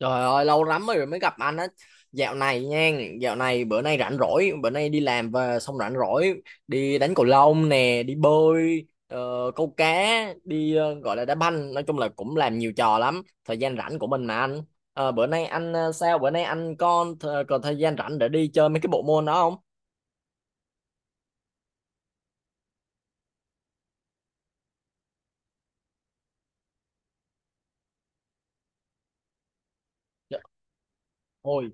Trời ơi, lâu lắm rồi mới gặp anh á. Dạo này nha. Dạo này bữa nay rảnh rỗi. Bữa nay đi làm về xong rảnh rỗi. Đi đánh cầu lông nè. Đi bơi, câu cá. Đi, gọi là đá banh. Nói chung là cũng làm nhiều trò lắm. Thời gian rảnh của mình mà anh. Bữa nay anh, sao? Bữa nay anh còn thời gian rảnh để đi chơi mấy cái bộ môn đó không? Dạ. Ôi,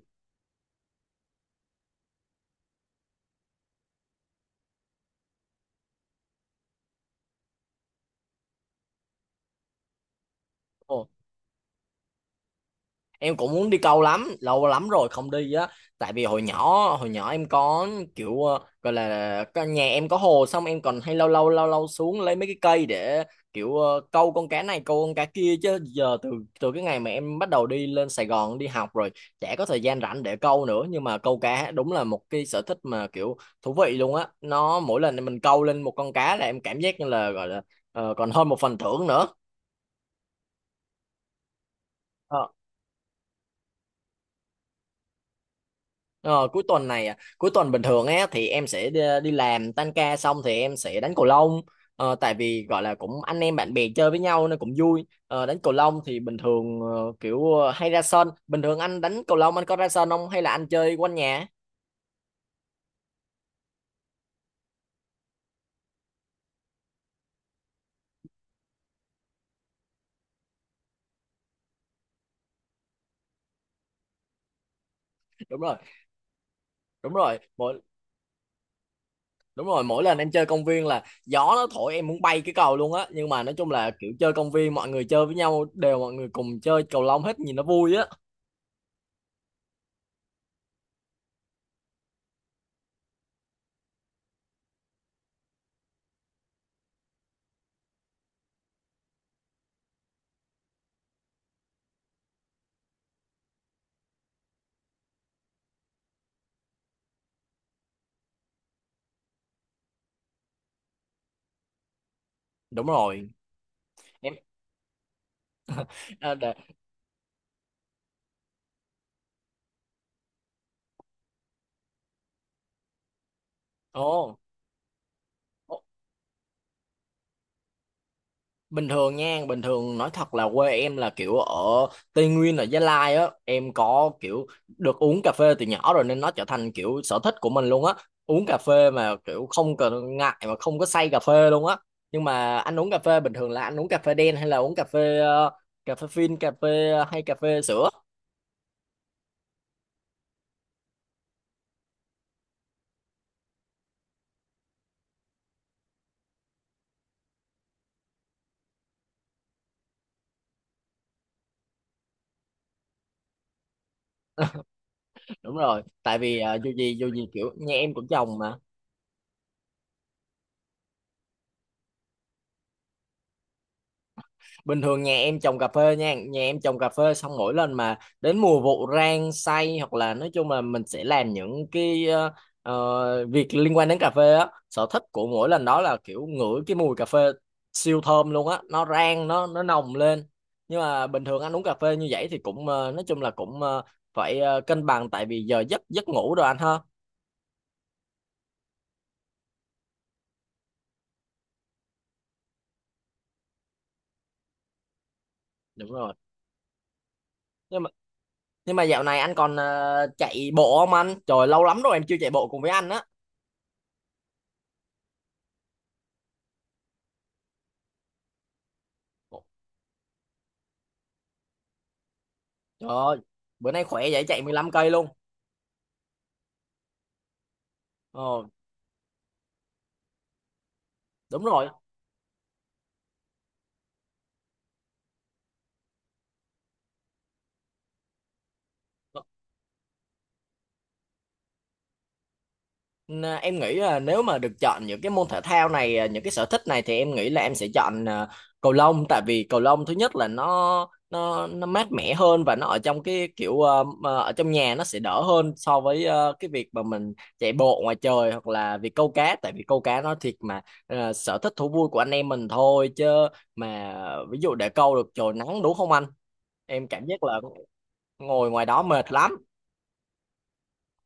em cũng muốn đi câu lắm, lâu lắm rồi không đi á. Tại vì hồi nhỏ, em có, kiểu gọi là nhà em có hồ, xong em còn hay lâu lâu xuống lấy mấy cái cây để kiểu câu con cá này, câu con cá kia. Chứ giờ từ từ cái ngày mà em bắt đầu đi lên Sài Gòn đi học rồi, chả có thời gian rảnh để câu nữa. Nhưng mà câu cá đúng là một cái sở thích mà kiểu thú vị luôn á. Nó mỗi lần mình câu lên một con cá là em cảm giác như là, gọi là còn hơn một phần thưởng nữa. Ờ, Cuối tuần này à, cuối tuần bình thường á thì em sẽ đi làm tan ca xong thì em sẽ đánh cầu lông, tại vì gọi là cũng anh em bạn bè chơi với nhau nên cũng vui. Ờ, Đánh cầu lông thì bình thường kiểu hay ra sân. Bình thường anh đánh cầu lông anh có ra sân không, hay là anh chơi quanh nhà? Đúng rồi, đúng rồi, mỗi lần em chơi công viên là gió nó thổi em muốn bay cái cầu luôn á. Nhưng mà nói chung là kiểu chơi công viên mọi người chơi với nhau, đều mọi người cùng chơi cầu lông hết, nhìn nó vui á. Đúng rồi. Em à, để. Ồ. Bình thường nha, bình thường nói thật là quê em là kiểu ở Tây Nguyên, ở Gia Lai á, em có kiểu được uống cà phê từ nhỏ rồi nên nó trở thành kiểu sở thích của mình luôn á. Uống cà phê mà kiểu không cần ngại mà không có say cà phê luôn á. Nhưng mà anh uống cà phê bình thường là anh uống cà phê đen hay là uống cà phê cà phê phin, cà phê hay cà phê sữa? Đúng rồi, tại vì dù gì kiểu nhà em cũng trồng mà. Bình thường nhà em trồng cà phê nha, nhà em trồng cà phê, xong mỗi lần mà đến mùa vụ rang xay hoặc là nói chung là mình sẽ làm những cái việc liên quan đến cà phê á. Sở thích của mỗi lần đó là kiểu ngửi cái mùi cà phê siêu thơm luôn á, nó rang nó nồng lên. Nhưng mà bình thường anh uống cà phê như vậy thì cũng nói chung là cũng phải cân bằng, tại vì giờ giấc, ngủ rồi, anh ha. Đúng rồi. Nhưng mà nhưng mà dạo này anh còn chạy bộ không anh? Trời, lâu lắm rồi em chưa chạy bộ cùng với anh á. Trời ơi, bữa nay khỏe vậy, chạy 15 cây luôn. Ờ, đúng rồi. Em nghĩ là nếu mà được chọn những cái môn thể thao này, à, những cái sở thích này, thì em nghĩ là em sẽ chọn à, cầu lông. Tại vì cầu lông thứ nhất là nó mát mẻ hơn, và nó ở trong cái kiểu mà ở trong nhà nó sẽ đỡ hơn, so với cái việc mà mình chạy bộ ngoài trời, hoặc là việc câu cá. Tại vì câu cá nó thiệt mà sở thích thú vui của anh em mình thôi chứ mà, ví dụ để câu được trời nắng, đúng không anh? Em cảm giác là ngồi ngoài đó mệt lắm.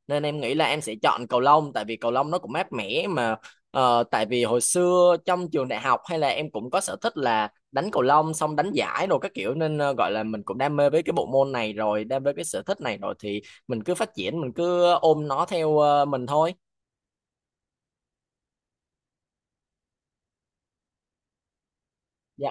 Nên em nghĩ là em sẽ chọn cầu lông, tại vì cầu lông nó cũng mát mẻ mà tại vì hồi xưa trong trường đại học hay là em cũng có sở thích là đánh cầu lông, xong đánh giải rồi các kiểu, nên gọi là mình cũng đam mê với cái bộ môn này rồi, đam mê cái sở thích này rồi, thì mình cứ phát triển, mình cứ ôm nó theo mình thôi. Dạ.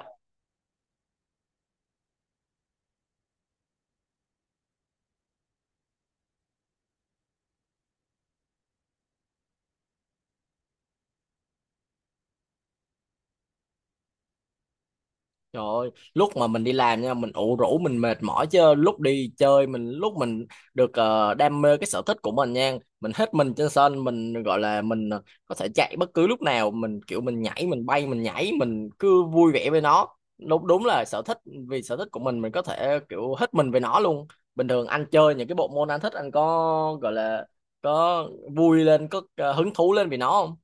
Trời ơi, lúc mà mình đi làm nha, mình ủ rũ mình mệt mỏi, chứ lúc đi chơi mình, lúc mình được đam mê cái sở thích của mình nha, mình hết mình trên sân, mình gọi là mình có thể chạy bất cứ lúc nào, mình kiểu mình nhảy, mình bay, mình nhảy, mình cứ vui vẻ với nó. Đúng, đúng là sở thích, vì sở thích của mình có thể kiểu hết mình với nó luôn. Bình thường anh chơi những cái bộ môn anh thích, anh có gọi là có vui lên, có hứng thú lên vì nó không?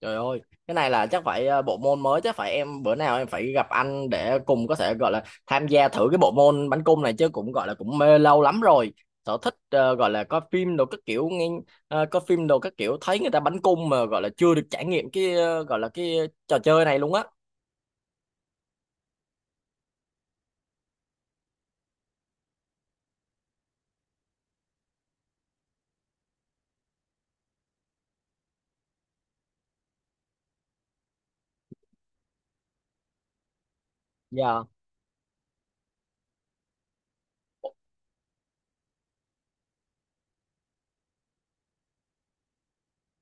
Trời ơi, cái này là chắc phải bộ môn mới, chắc phải em bữa nào em phải gặp anh để cùng có thể gọi là tham gia thử cái bộ môn bắn cung này, chứ cũng gọi là cũng mê lâu lắm rồi. Sở thích gọi là coi phim đồ các kiểu, nghe coi phim đồ các kiểu thấy người ta bắn cung, mà gọi là chưa được trải nghiệm cái gọi là cái trò chơi này luôn á. Dạ.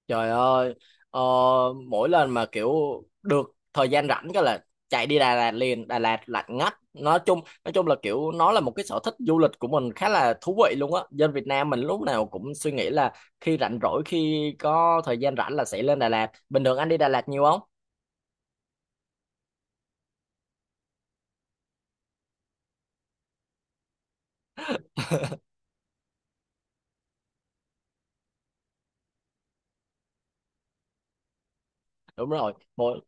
Trời ơi, ờ, mỗi lần mà kiểu được thời gian rảnh cái là chạy đi Đà Lạt liền. Đà Lạt lạnh ngắt. Nói chung là kiểu nó là một cái sở thích du lịch của mình khá là thú vị luôn á. Dân Việt Nam mình lúc nào cũng suy nghĩ là khi rảnh rỗi, khi có thời gian rảnh là sẽ lên Đà Lạt. Bình thường anh đi Đà Lạt nhiều không? Đúng rồi. Mỗi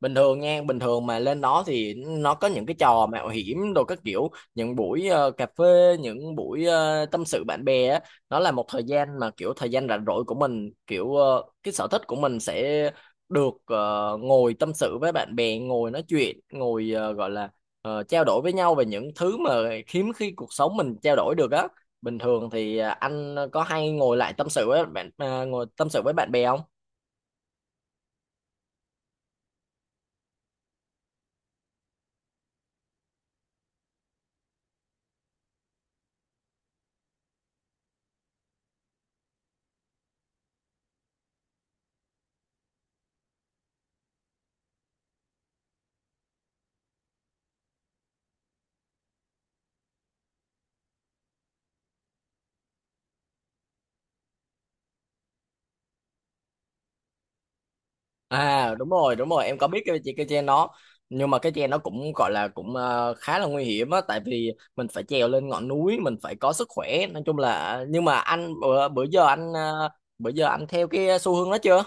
bình thường nha, bình thường mà lên đó thì nó có những cái trò mạo hiểm đồ các kiểu, những buổi cà phê, những buổi tâm sự bạn bè á. Nó là một thời gian mà kiểu thời gian rảnh rỗi của mình, kiểu cái sở thích của mình sẽ được ngồi tâm sự với bạn bè, ngồi nói chuyện, ngồi gọi là trao đổi với nhau về những thứ mà hiếm khi cuộc sống mình trao đổi được á. Bình thường thì anh có hay ngồi lại tâm sự với bạn, ngồi tâm sự với bạn bè không? À, đúng rồi, đúng rồi, em có biết cái treo nó. Nhưng mà cái treo nó cũng gọi là cũng khá là nguy hiểm á, tại vì mình phải trèo lên ngọn núi, mình phải có sức khỏe. Nói chung là, nhưng mà anh bữa, bữa giờ anh bữa giờ anh theo cái xu hướng đó chưa?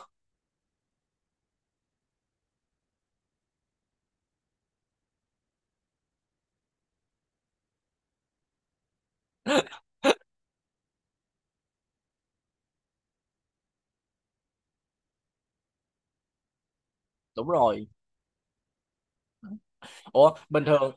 Đúng rồi. Ủa, bình thường,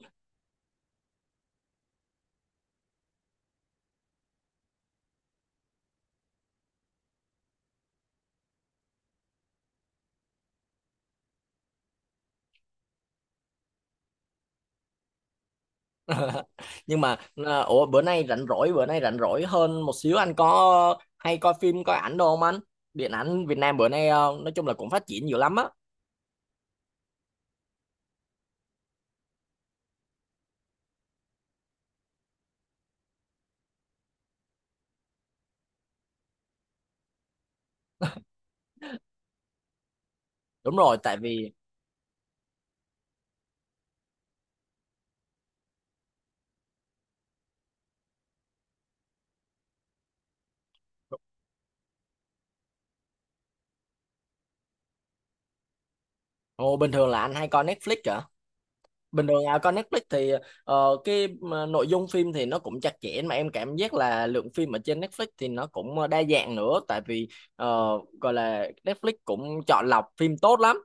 nhưng mà ủa bữa nay rảnh rỗi, bữa nay rảnh rỗi hơn một xíu, anh có hay coi phim coi ảnh đâu không anh? Điện ảnh Việt Nam bữa nay nói chung là cũng phát triển dữ lắm á. Đúng rồi, tại vì ồ, bình thường là anh hay coi Netflix. Bình thường à, coi Netflix thì cái nội dung phim thì nó cũng chặt chẽ, mà em cảm giác là lượng phim ở trên Netflix thì nó cũng đa dạng nữa, tại vì ờ, gọi là Netflix cũng chọn lọc phim tốt lắm.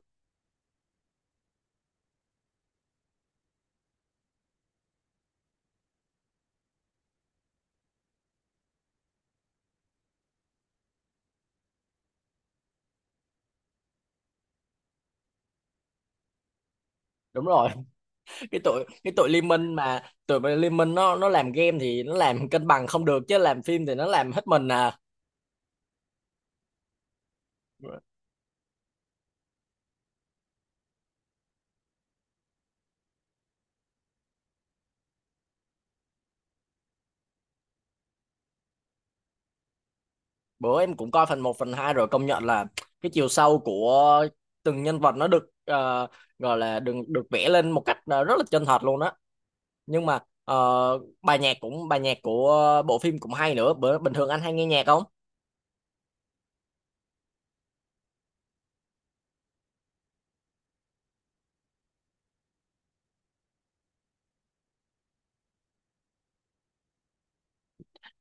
Đúng rồi. Cái tụi, cái tụi Liên Minh, mà tụi mà Liên Minh nó làm game thì nó làm cân bằng không được, chứ làm phim thì nó làm hết mình à. Bữa em cũng coi phần một phần 2 rồi, công nhận là cái chiều sâu của từng nhân vật nó được gọi là được được vẽ lên một cách rất là chân thật luôn á. Nhưng mà ờ, bài nhạc cũng, bài nhạc của bộ phim cũng hay nữa. Bữa bình thường anh hay nghe nhạc không?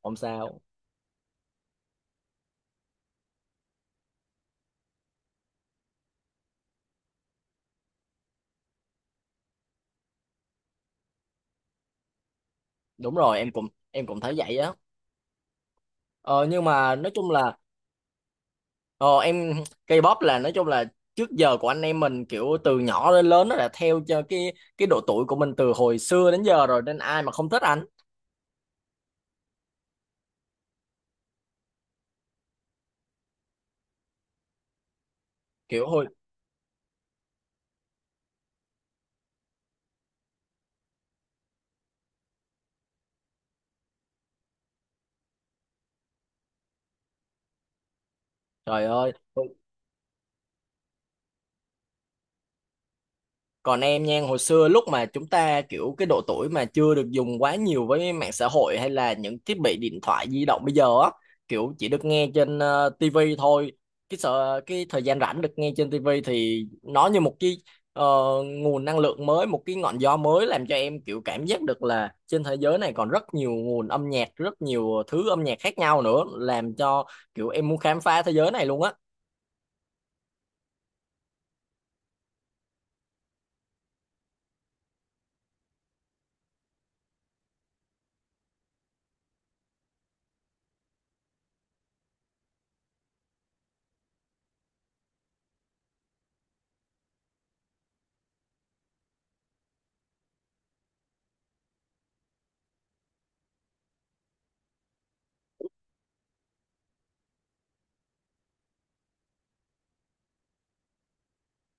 Không sao. Đúng rồi, em cũng, em cũng thấy vậy á. Ờ, nhưng mà nói chung là ờ, em K-pop là nói chung là trước giờ của anh em mình, kiểu từ nhỏ đến lớn nó đã theo cho cái độ tuổi của mình từ hồi xưa đến giờ rồi, nên ai mà không thích anh. Kiểu hồi, trời ơi. Còn em nha, hồi xưa lúc mà chúng ta kiểu cái độ tuổi mà chưa được dùng quá nhiều với mạng xã hội hay là những thiết bị điện thoại di động bây giờ á, kiểu chỉ được nghe trên TV thôi. Cái sợ, cái thời gian rảnh được nghe trên tivi thì nó như một cái ờ, nguồn năng lượng mới, một cái ngọn gió mới, làm cho em kiểu cảm giác được là trên thế giới này còn rất nhiều nguồn âm nhạc, rất nhiều thứ âm nhạc khác nhau nữa, làm cho kiểu em muốn khám phá thế giới này luôn á.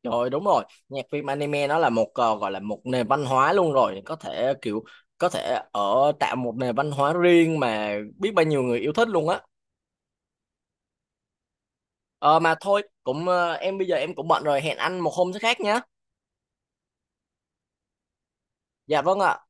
Rồi đúng rồi, nhạc phim anime nó là một gọi là một nền văn hóa luôn rồi, có thể kiểu có thể ở tạo một nền văn hóa riêng mà biết bao nhiêu người yêu thích luôn á. Ờ mà thôi, cũng em bây giờ em cũng bận rồi, hẹn anh một hôm thứ khác nhé. Dạ vâng ạ.